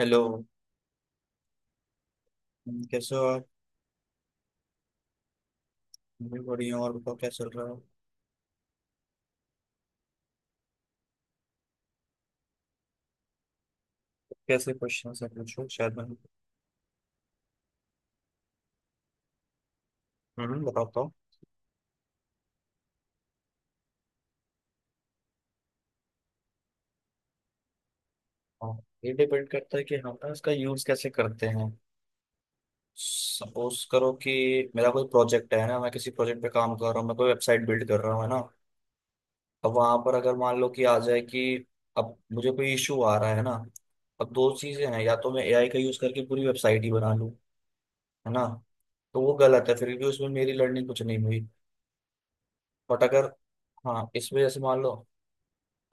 Hello. कैसे हो आप? मैं बढ़िया हूँ। और बताओ, क्या चल रहा है? कैसे क्वेश्चन है, पूछो। शायद मैं... हम्म, बताता हूँ। हाँ, ये डिपेंड करता है कि हम ना इसका यूज कैसे करते हैं। सपोज करो कि मेरा कोई प्रोजेक्ट है ना, मैं किसी प्रोजेक्ट पे काम कर रहा हूँ, मैं कोई वेबसाइट बिल्ड कर रहा हूँ, है ना। अब वहां पर अगर मान लो कि आ जाए कि अब मुझे कोई इशू आ रहा है ना। अब दो चीजें हैं, या तो मैं एआई का यूज करके पूरी वेबसाइट ही बना लूँ, है ना, तो वो गलत है, फिर भी उसमें मेरी लर्निंग कुछ नहीं हुई। बट अगर... हाँ इसमें जैसे मान लो,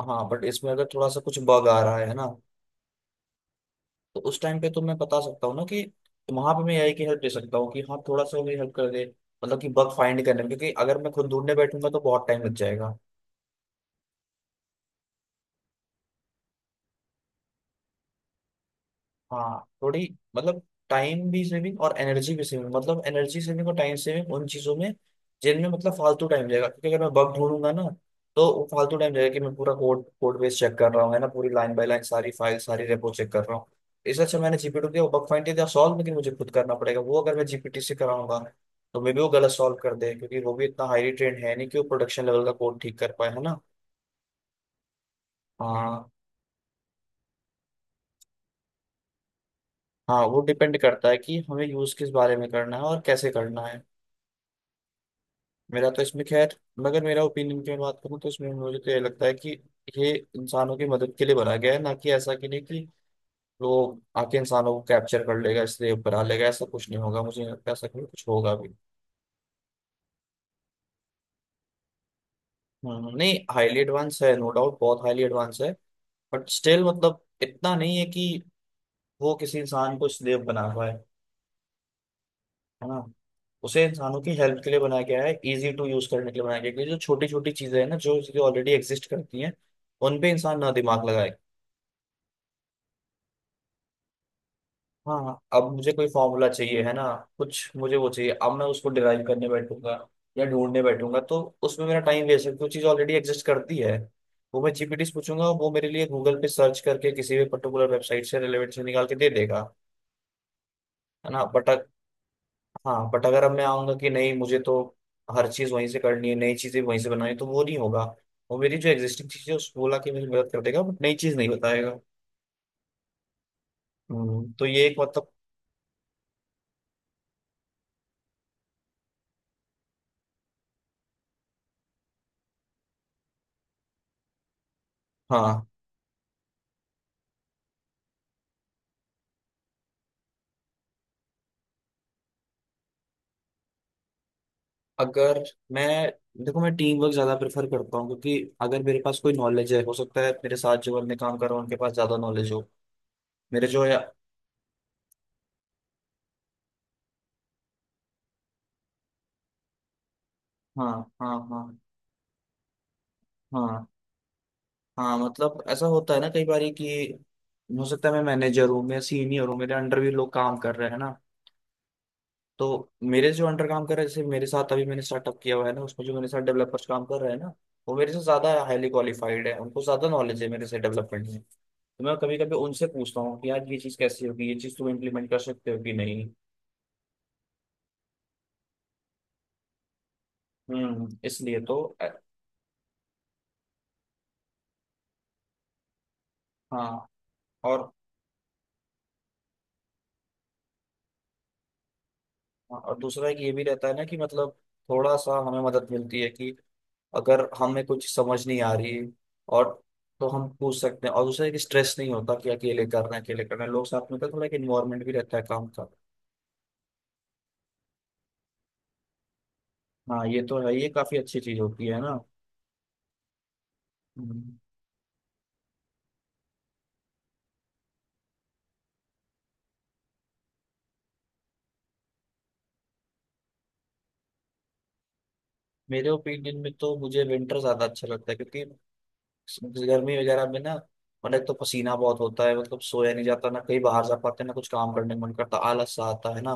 हाँ बट इसमें अगर थोड़ा सा कुछ बग आ रहा है ना, तो उस टाइम पे तो मैं बता सकता हूँ ना कि वहां पे मैं एआई की हेल्प दे सकता हूँ कि हाँ थोड़ा सा भी हेल्प कर दे, मतलब कि बग फाइंड करने में, क्योंकि अगर मैं खुद ढूंढने बैठूंगा तो बहुत टाइम लग जाएगा। हाँ थोड़ी, मतलब टाइम भी सेविंग और एनर्जी भी सेविंग, मतलब एनर्जी सेविंग और टाइम सेविंग उन चीजों में जिनमें मतलब फालतू टाइम जाएगा, क्योंकि अगर मैं बग ढूंढूंगा ना, तो वो फालतू टाइम जाएगा कि मैं पूरा कोड कोड बेस चेक कर रहा हूँ, है ना, पूरी लाइन बाय लाइन सारी फाइल सारी रेपो चेक कर रहा हूँ। इससे अच्छा मैंने जीपीटी दिया, बग फाइंड दिया, सॉल्व, लेकिन मुझे खुद करना पड़ेगा। वो अगर मैं जीपीटी से कराऊंगा तो मे भी वो गलत सॉल्व कर दे, क्योंकि वो भी इतना हाईली ट्रेंड है नहीं कि वो प्रोडक्शन लेवल का कोड ठीक कर पाए, है ना। हाँ। हाँ, वो डिपेंड करता है कि हमें यूज किस बारे में करना है और कैसे करना है। मेरा तो इसमें खैर, मगर मेरा ओपिनियन की मैं बात करूँ तो इसमें मुझे तो ये लगता है कि ये इंसानों की मदद के लिए बनाया गया है, ना कि ऐसा कि... नहीं कि वो आके इंसानों को कैप्चर कर लेगा। इसलिए बना लेगा, ऐसा कुछ नहीं होगा, मुझे नहीं लगता ऐसा कभी कुछ होगा भी। नहीं, हाईली एडवांस है, नो डाउट बहुत हाईली एडवांस है। बट स्टिल मतलब इतना नहीं है कि वो किसी इंसान को स्लेव बना पाए, है ना। उसे इंसानों की हेल्प के लिए बनाया गया है, इजी टू यूज करने के लिए बनाया गया है, क्योंकि जो छोटी छोटी चीजें हैं ना, जो चीजें ऑलरेडी एग्जिस्ट करती हैं उन पे इंसान ना दिमाग लगाए। हाँ हाँ, अब मुझे कोई फॉर्मूला चाहिए, है ना। कुछ मुझे वो चाहिए, अब मैं उसको डिराइव करने बैठूंगा या ढूंढने बैठूंगा, तो उसमें मेरा टाइम वेस्ट है, वो चीज़ ऑलरेडी एग्जिस्ट करती है। वो मैं जीपीटी से पूछूंगा, वो मेरे लिए गूगल पे सर्च करके किसी भी पर्टिकुलर वेबसाइट से रिलेवेंट से निकाल के दे देगा। है ना बट... हाँ बट अगर अब मैं आऊंगा कि नहीं मुझे तो हर चीज़ वहीं से करनी है, नई चीज़ें वहीं से बनानी है, तो वो नहीं होगा। वो मेरी जो एग्जिस्टिंग चीज़ है उसको बोला कि मेरी मदद कर देगा, बट नई चीज़ नहीं बताएगा। तो ये एक मतलब... हाँ, अगर मैं... देखो, मैं टीम वर्क ज्यादा प्रेफर करता हूँ, क्योंकि अगर मेरे पास कोई नॉलेज है, हो सकता है मेरे साथ जो बंदे काम कर रहे हैं उनके पास ज्यादा नॉलेज हो। मेरे जो है... हाँ हाँ हाँ। हाँ। हाँ मतलब ऐसा होता है ना कई बार कि हो सकता है मैं मैनेजर हूँ, मैं सीनियर हूँ, मेरे अंडर भी लोग काम कर रहे हैं ना, तो मेरे जो अंडर काम कर रहे हैं, जैसे मेरे साथ अभी मैंने स्टार्टअप किया हुआ है ना, उसमें जो मेरे साथ डेवलपर्स काम कर रहे हैं ना, वो मेरे से ज्यादा हाईली क्वालिफाइड है, उनको ज्यादा नॉलेज है मेरे से डेवलपमेंट में। तो मैं कभी कभी उनसे पूछता हूँ कि यार ये चीज कैसी होगी, ये चीज तुम इम्प्लीमेंट कर सकते हो कि नहीं। इसलिए तो हाँ। और... और दूसरा एक ये भी रहता है ना कि मतलब थोड़ा सा हमें मदद मिलती है कि अगर हमें कुछ समझ नहीं आ रही, और तो हम पूछ सकते हैं। और दूसरा, एक स्ट्रेस नहीं होता कि अकेले करना है। लोग साथ में होते हैं, थोड़ा एक इन्वायरमेंट भी रहता है काम का। हाँ ये तो है, ये काफी अच्छी चीज होती है ना। हम्म। मेरे ओपिनियन में तो मुझे विंटर ज्यादा अच्छा लगता है, क्योंकि इस... गर्मी वगैरह में ना, मतलब एक तो पसीना बहुत होता है, मतलब सोया नहीं जाता, ना कहीं बाहर जा पाते, ना कुछ काम करने का मन करता, आलस सा आता है ना।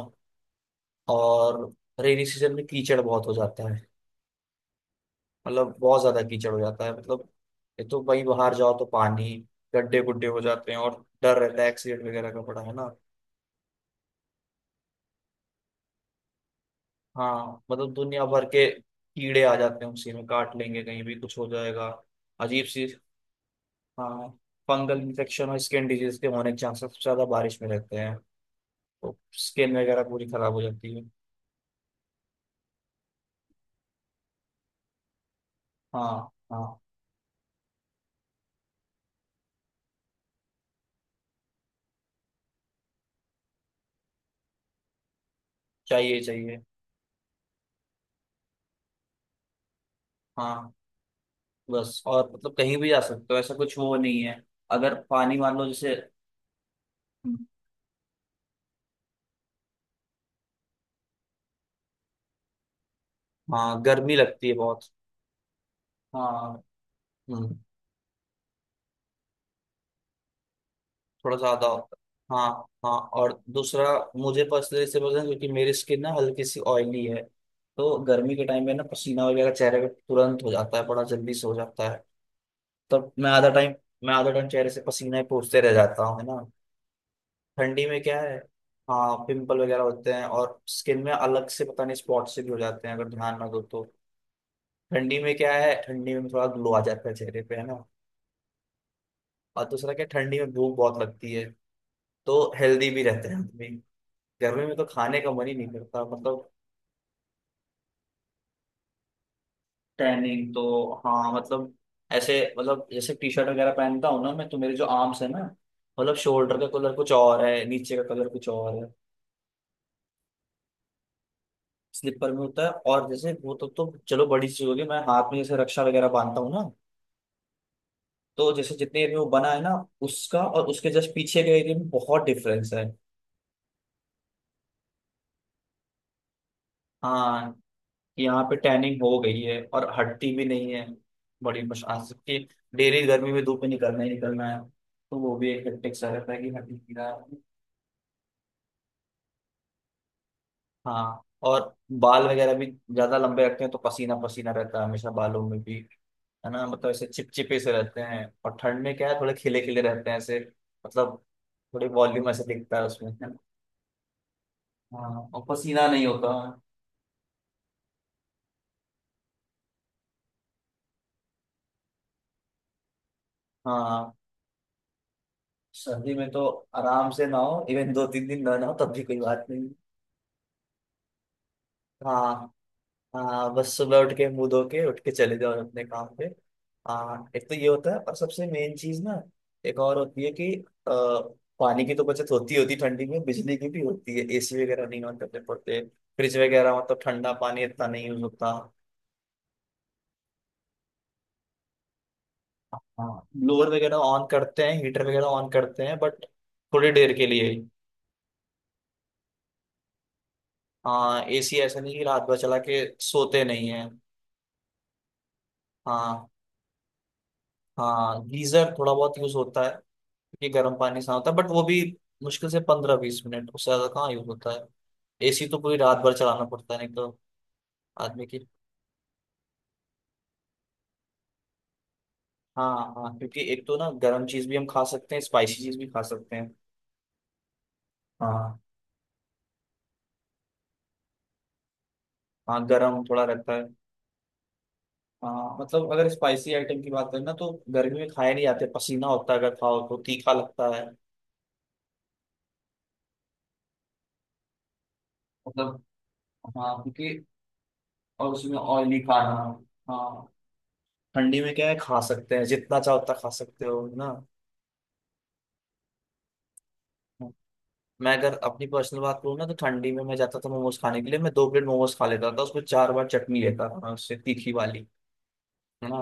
और रेनी सीजन में कीचड़ बहुत हो जाता है, मतलब बहुत ज्यादा कीचड़ हो जाता है, मतलब एक तो वहीं बाहर जाओ तो पानी... गड्ढे गुड्ढे हो जाते हैं और डर रहता है एक्सीडेंट वगैरह का बड़ा, है ना। हाँ मतलब दुनिया भर के कीड़े आ जाते हैं, उसी में काट लेंगे, कहीं भी कुछ हो जाएगा। अजीब सी... हाँ, फंगल इन्फेक्शन और स्किन डिजीज के होने के चांसेस सबसे ज्यादा बारिश में रहते हैं। तो स्किन वगैरह पूरी खराब हो जाती है। हाँ। हाँ, चाहिए चाहिए। हाँ, बस और मतलब कहीं भी जा सकते हो, ऐसा कुछ वो नहीं है। अगर पानी मान लो जैसे... हाँ, गर्मी लगती है बहुत। हाँ। हम्म। थोड़ा ज्यादा होता है, हाँ। हाँ और दूसरा, मुझे पर्सनली इससे पसंद है क्योंकि मेरी स्किन ना हल्की सी ऑयली है। तो गर्मी के टाइम में ना पसीना वगैरह चेहरे पे तुरंत हो जाता है, बड़ा जल्दी से हो जाता है। तब मैं आधा टाइम चेहरे से पसीना ही पोंछते रह जाता हूँ, है ना। ठंडी में क्या है... हाँ, पिंपल वगैरह होते हैं और स्किन में अलग से पता नहीं स्पॉट से भी हो जाते हैं अगर ध्यान ना दो तो। ठंडी में क्या है, ठंडी में थोड़ा ग्लो आ जाता है चेहरे पे, है ना। और दूसरा क्या, ठंडी में भूख बहुत लगती है, तो हेल्दी भी रहते हैं आदमी। गर्मी में तो खाने का मन ही नहीं करता, मतलब... टैनिंग तो हाँ मतलब ऐसे, मतलब जैसे टी शर्ट वगैरह पहनता हूँ ना मैं, तो मेरे जो आर्म्स है ना, मतलब शोल्डर का कलर कुछ और है, नीचे का कलर कुछ और है। स्लीपर में होता है। और जैसे वो तो... तो चलो बड़ी चीज होगी, मैं हाथ में जैसे रक्षा वगैरह बांधता हूँ ना, तो जैसे जितने एरिया में बना है ना, उसका और उसके जस्ट पीछे के एरिया में बहुत डिफरेंस है। हाँ यहाँ पे टैनिंग हो गई है और हटती भी नहीं है। बड़ी मुश्किल से। डेली गर्मी में धूप में निकलना ही निकलना है, तो वो भी एक हेक्टिक सा रहता है कि हट ही नहीं रहा है। हाँ और बाल वगैरह भी ज्यादा लंबे रखते हैं, तो पसीना पसीना रहता है हमेशा, बालों में भी, है ना। मतलब ऐसे चिपचिपे से रहते हैं, और ठंड में क्या है, थोड़े खिले खिले रहते हैं ऐसे, मतलब थोड़ी वॉल्यूम ऐसे दिखता है उसमें। हाँ और पसीना नहीं होता है। हाँ, सर्दी में तो आराम से नहाओ, इवन 2-3 दिन ना नहाओ तब भी कोई बात नहीं। हाँ, हाँ बस सुबह उठ के मुंह धो के उठ के चले जाओ अपने काम पे। हाँ एक तो ये होता है, और सबसे मेन चीज ना, एक और होती है कि अ, पानी की तो बचत होती, है ठंडी में, बिजली की भी होती है, एसी वगैरह नहीं ऑन करने पड़ते। फ्रिज वगैरह, मतलब ठंडा पानी इतना नहीं यूज होता। हाँ ब्लोअर वगैरह ऑन करते हैं, हीटर वगैरह ऑन करते हैं, बट थोड़ी देर के लिए ही। हाँ, AC ऐसा नहीं कि रात भर चला के सोते नहीं है। हाँ। हाँ गीजर थोड़ा बहुत यूज होता है क्योंकि गर्म पानी से होता है, बट वो भी मुश्किल से 15-20 मिनट, उससे ज्यादा कहाँ यूज होता है। AC तो पूरी रात भर चलाना पड़ता है, नहीं तो... आदमी की... हाँ हाँ, क्योंकि एक तो ना गर्म चीज भी हम खा सकते हैं, स्पाइसी चीज भी खा सकते हैं। हाँ। हाँ गर्म थोड़ा रहता है। हाँ मतलब अगर स्पाइसी आइटम की बात करें ना, तो गर्मी में खाए नहीं जाते, पसीना होता है, अगर खाओ तो तीखा लगता है, मतलब... हाँ क्योंकि... और उसमें ऑयली खाना। हाँ। ठंडी में क्या है, खा सकते हैं जितना चाहो उतना खा सकते हो, है ना। मैं अगर अपनी पर्सनल बात करूँ ना, तो ठंडी में मैं जाता था मोमोज खाने के लिए, मैं 2 प्लेट मोमोज खा लेता था, उसमें 4 बार चटनी लेता था मैं उससे तीखी वाली, है ना।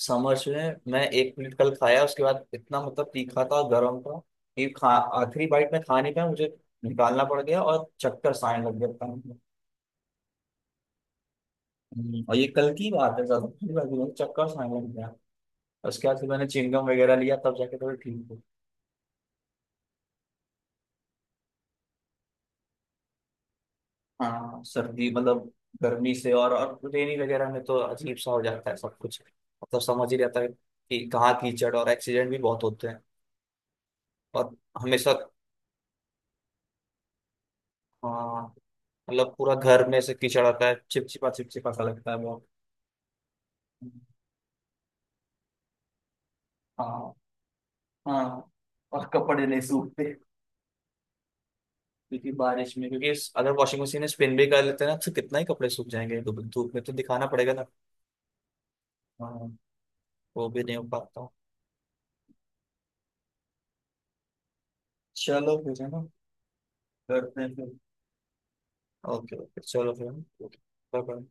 समर्स में मैं 1 प्लेट कल खाया, उसके बाद इतना मतलब तीखा था, गर्म था, कि खा... आखिरी बाइट में खा नहीं पाया मुझे, निकालना पड़ गया, और चक्कर आने लग गया था। और ये कल की बात है, ज्यादा की बात नहीं, चक्कर आने लग गया। उसके बाद फिर मैंने चिंगम वगैरह लिया, तब जाके थोड़ा ठीक। हाँ सर्दी मतलब, गर्मी से, और रेनी वगैरह में तो अजीब सा हो जाता है सब कुछ। मतलब समझ ही रहता है कि कहाँ कीचड़, और एक्सीडेंट भी बहुत होते हैं। और हमेशा, हाँ, मतलब पूरा घर में से कीचड़ आता है, चिपचिपा चिपचिपा सा लगता है बहुत। हाँ। हाँ और कपड़े नहीं सूखते, क्योंकि बारिश में, क्योंकि इस- अगर वॉशिंग मशीन में स्पिन भी कर लेते हैं ना, तो कितना ही कपड़े सूख जाएंगे, धूप... धूप में तो दिखाना पड़ेगा ना। हाँ वो भी नहीं हो पाता। चलो फिर, है ना। करते हैं फिर। ओके ओके चलो फिर। Okay, bye bye.